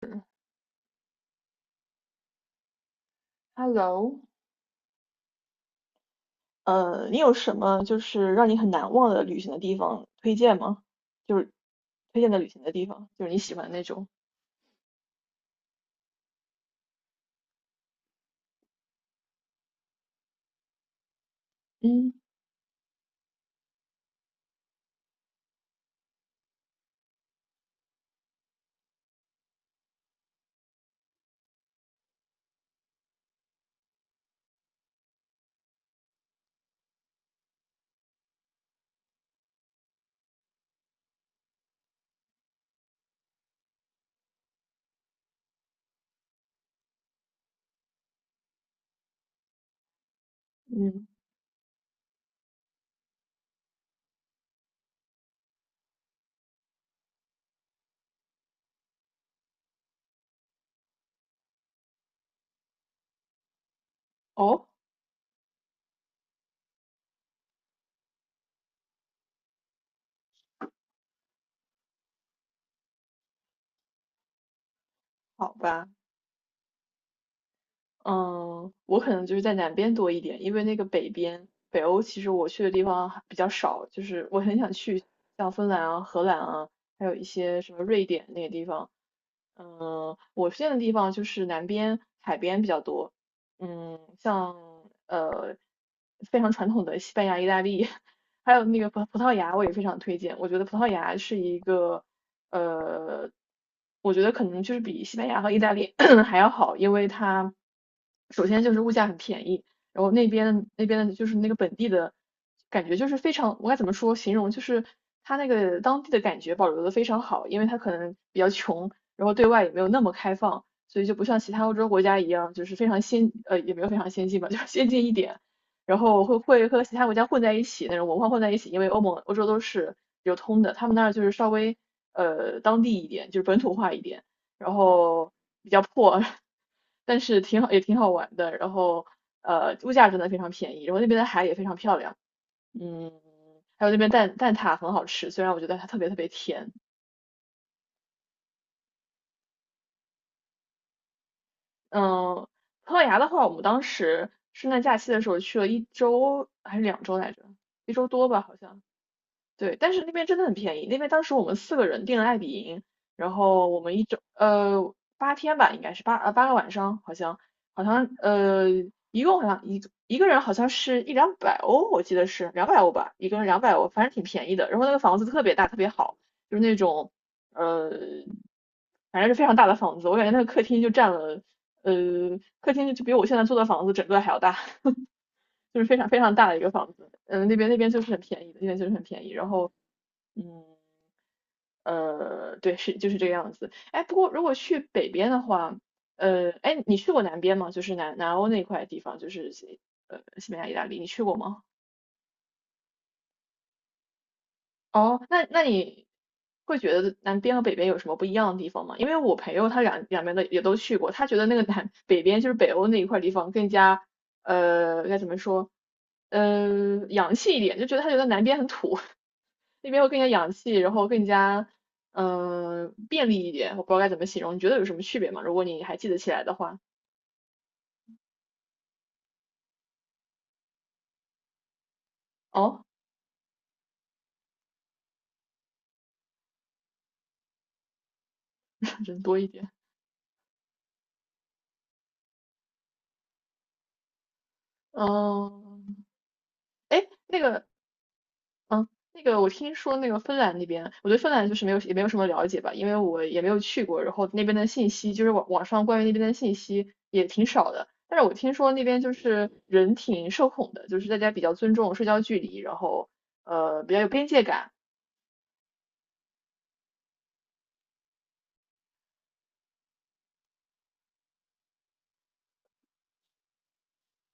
嗯，Hello，你有什么就是让你很难忘的旅行的地方推荐吗？就是推荐的旅行的地方，就是你喜欢的那种。嗯嗯，哦，好吧，嗯，我可能就是在南边多一点，因为那个北边，北欧其实我去的地方还比较少，就是我很想去像芬兰啊、荷兰啊，还有一些什么瑞典那些地方，嗯，我现在的地方就是南边海边比较多，嗯，像呃非常传统的西班牙、意大利，还有那个葡葡萄牙，我也非常推荐。我觉得葡萄牙是一个呃，我觉得可能就是比西班牙和意大利 还要好，因为它首先就是物价很便宜，然后那边的就是那个本地的感觉就是非常，我该怎么说形容就是。它那个当地的感觉保留的非常好，因为它可能比较穷，然后对外也没有那么开放，所以就不像其他欧洲国家一样，就是非常先呃也没有非常先进吧，就是先进一点，然后会和其他国家混在一起那种文化混在一起，因为欧盟欧洲都是流通的，他们那儿就是稍微当地一点，就是本土化一点，然后比较破，但是挺好也挺好玩的，然后物价真的非常便宜，然后那边的海也非常漂亮，嗯，还有那边蛋挞很好吃，虽然我觉得它特别特别甜。嗯，葡萄牙的话，我们当时圣诞假期的时候去了一周还是两周来着，一周多吧，好像。对，但是那边真的很便宜。那边当时我们4个人订了爱比营，然后我们8天吧，应该是8个晚上，好像好像呃一共好像一个人好像是1、200欧，我记得是两百欧吧，一个人两百欧，反正挺便宜的。然后那个房子特别大，特别好，就是那种呃反正是非常大的房子，我感觉那个客厅就占了呃客厅就比我现在租的房子整个还要大。就是非常非常大的一个房子。嗯，那边就是很便宜的，那边就是很便宜。然后，嗯，呃，对，是就是这个样子。哎，不过如果去北边的话，呃，哎，你去过南边吗？就是南欧那块地方，就是西班牙、意大利，你去过吗？哦，那那你会觉得南边和北边有什么不一样的地方吗？因为我朋友他两边的也都去过，他觉得那个南北边就是北欧那一块地方更加该怎么说，嗯，洋气一点，就觉得他觉得南边很土，那边会更加洋气，然后更加便利一点，我不知道该怎么形容，你觉得有什么区别吗？如果你还记得起来的话，哦，人多一点，嗯。哎，那个嗯，那个我听说那个芬兰那边，我对芬兰就是没有也没有什么了解吧，因为我也没有去过，然后那边的信息就是网上关于那边的信息也挺少的。但是我听说那边就是人挺社恐的，就是大家比较尊重社交距离，然后比较有边界感。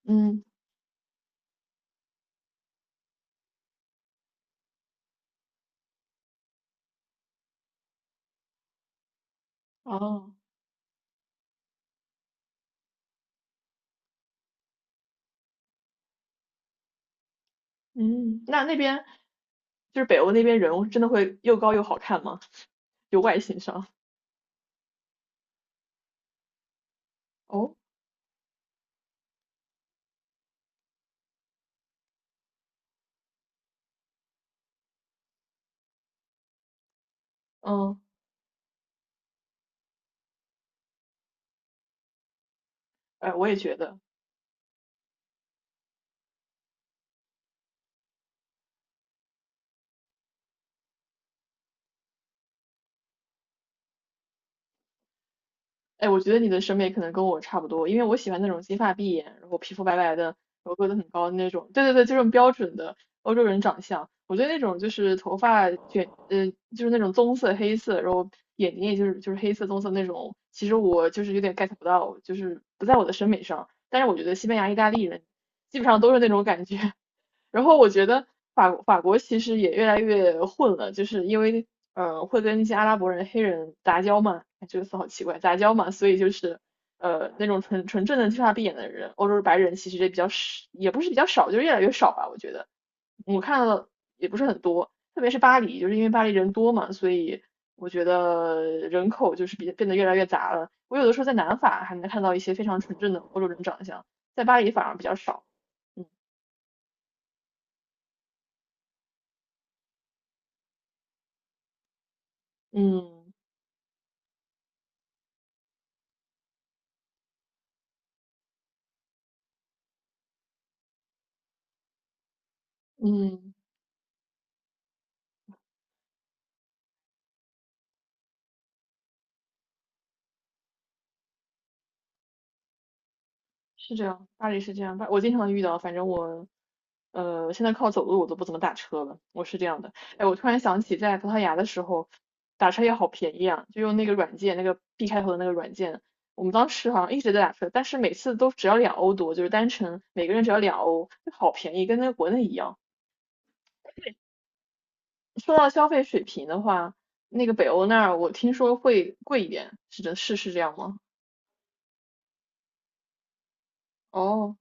嗯，哦，嗯，那那边就是北欧那边人真的会又高又好看吗？就外形上。哦，嗯，哎，我也觉得。哎，我觉得你的审美可能跟我差不多，因为我喜欢那种金发碧眼，然后皮肤白白的，然后个子很高的那种。对对对，就是标准的欧洲人长相。我对那种就是头发卷，就是那种棕色、黑色，然后眼睛也就是黑色、棕色那种。其实我就是有点 get 不到，就是不在我的审美上。但是我觉得西班牙、意大利人基本上都是那种感觉，然后我觉得法国其实也越来越混了，就是因为会跟一些阿拉伯人、黑人杂交嘛，哎这个词好奇怪，杂交嘛，所以就是那种纯正的金发碧眼的人，欧洲白人其实也比较少，也不是比较少，就是越来越少吧，我觉得我看到的也不是很多，特别是巴黎，就是因为巴黎人多嘛，所以我觉得人口就是比变得越来越杂了。我有的时候在南法还能看到一些非常纯正的欧洲人长相，在巴黎反而比较少。嗯嗯。嗯，是这样，巴黎是这样，巴我经常能遇到，反正我，现在靠走路我都不怎么打车了，我是这样的。哎，我突然想起在葡萄牙的时候，打车也好便宜啊，就用那个软件，那个 B 开头的那个软件，我们当时好像一直在打车，但是每次都只要2欧多，就是单程每个人只要两欧，就好便宜，跟那个国内一样。说到消费水平的话，那个北欧那儿我听说会贵一点，是的，是是这样吗？哦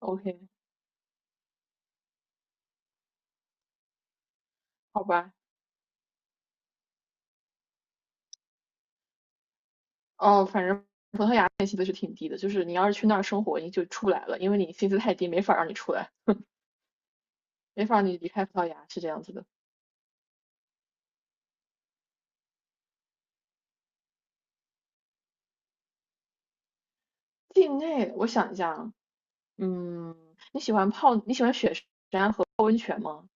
，OK,好吧。哦，反正天薪资是挺低的，就是你要是去那儿生活，你就出不来了，因为你薪资太低，没法让你出来，没法让你离开葡萄牙，是这样子的。境内，我想一下啊，嗯，你喜欢泡，你喜欢雪山泡温泉吗？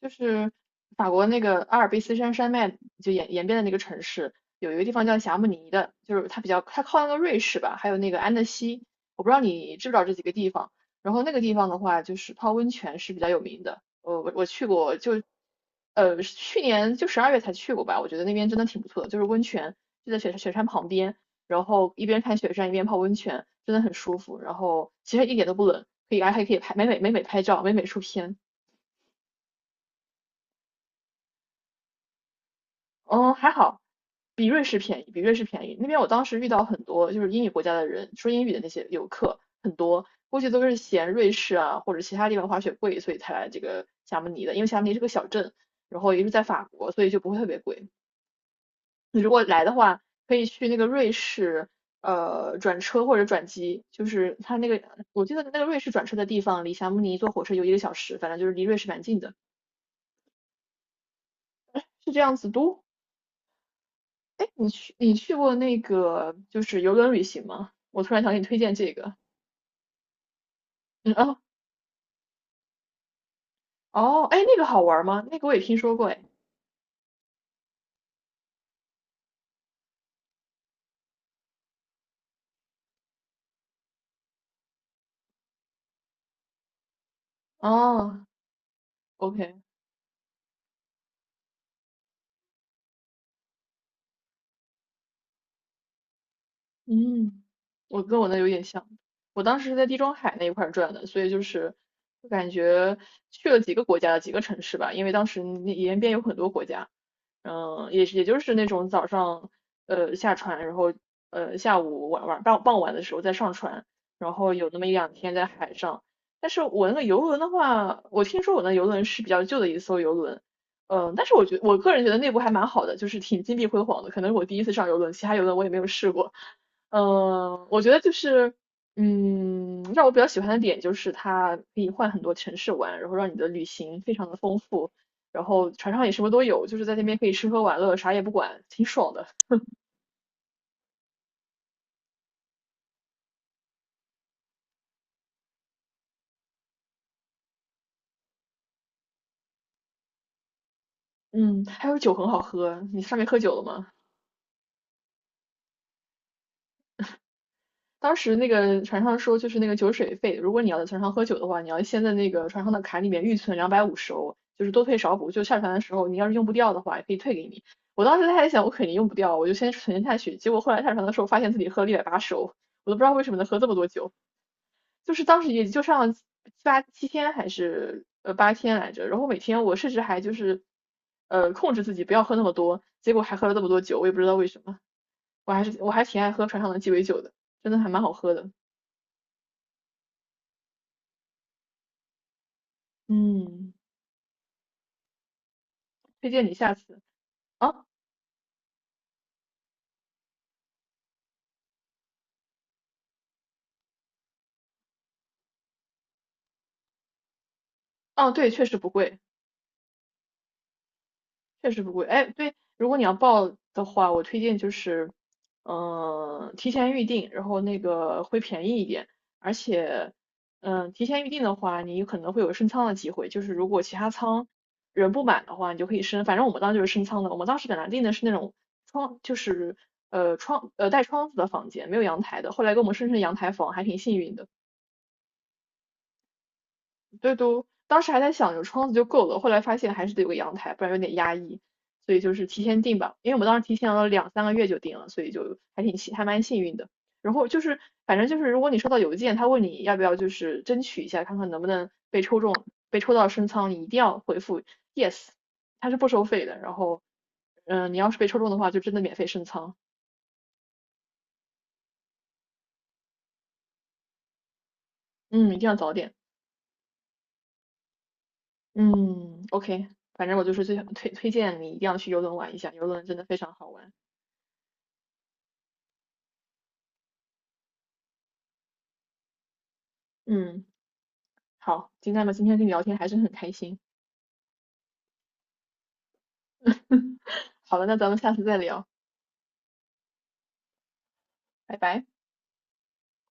就是法国那个阿尔卑斯山山脉就沿边的那个城市，有一个地方叫霞慕尼的，就是它比较它靠那个瑞士吧，还有那个安德西，我不知道你知不知道这几个地方。然后那个地方的话，就是泡温泉是比较有名的。呃，我去过，就去年就12月才去过吧，我觉得那边真的挺不错的，就是温泉就在雪山旁边，然后一边看雪山一边泡温泉，真的很舒服。然后其实一点都不冷，可以还可以拍美美拍照，美美出片。嗯，还好，比瑞士便宜，比瑞士便宜。那边我当时遇到很多就是英语国家的人，说英语的那些游客很多，估计都是嫌瑞士啊或者其他地方滑雪贵，所以才来这个霞慕尼的。因为霞慕尼是个小镇，然后也是在法国，所以就不会特别贵。你如果来的话，可以去那个瑞士，转车或者转机，就是它那个，我记得那个瑞士转车的地方离霞慕尼坐火车有1个小时，反正就是离瑞士蛮近的，是这样子。都哎，你去过那个就是游轮旅行吗？我突然想给你推荐这个。嗯哦哦，哎，那个好玩吗？那个我也听说过哎。哦，OK,嗯，我跟我那有点像。我当时是在地中海那一块儿转的，所以就是我感觉去了几个国家，几个城市吧，因为当时那沿边有很多国家，也就是那种早上下船，然后下午晚晚傍傍晚的时候再上船，然后有那么一两天在海上。但是我那个游轮的话，我听说我那游轮是比较旧的一艘游轮，但是我个人觉得内部还蛮好的，就是挺金碧辉煌的。可能是我第一次上游轮，其他游轮我也没有试过。我觉得就是，让我比较喜欢的点就是它可以换很多城市玩，然后让你的旅行非常的丰富。然后船上也什么都有，就是在那边可以吃喝玩乐，啥也不管，挺爽的。嗯，还有酒很好喝，你上面喝酒了吗？当时那个船上说，就是那个酒水费，如果你要在船上喝酒的话，你要先在那个船上的卡里面预存250欧，就是多退少补，就下船的时候你要是用不掉的话，也可以退给你。我当时还想，我肯定用不掉，我就先存下去。结果后来下船的时候，发现自己喝了180欧，我都不知道为什么能喝这么多酒。就是当时也就上了七天还是八天来着，然后每天我甚至还就是控制自己不要喝那么多，结果还喝了那么多酒，我也不知道为什么，我还挺爱喝船上的鸡尾酒的，真的还蛮好喝的，嗯，推荐你下次啊。哦对，确实不贵。确实不贵。哎，对，如果你要报的话，我推荐就是，提前预定，然后那个会便宜一点，而且，提前预定的话，你可能会有升仓的机会，就是如果其他仓人不满的话，你就可以升。反正我们当时就是升仓的，我们当时本来订的是那种窗，就是呃窗呃带窗子的房间，没有阳台的，后来给我们升成阳台房，还挺幸运的。对，当时还在想有窗子就够了，后来发现还是得有个阳台，不然有点压抑，所以就是提前订吧，因为我们当时提前了两三个月就订了，所以就还蛮幸运的。然后就是，反正就是，如果你收到邮件，他问你要不要就是争取一下，看看能不能被抽中，被抽到升仓，你一定要回复 yes,他是不收费的。然后，你要是被抽中的话，就真的免费升仓。嗯，一定要早点。嗯，OK,反正我就是最推荐你一定要去游轮玩一下，游轮真的非常好玩。嗯。好，金娜们今天跟你聊天还是很开心。好了，那咱们下次再聊，拜拜。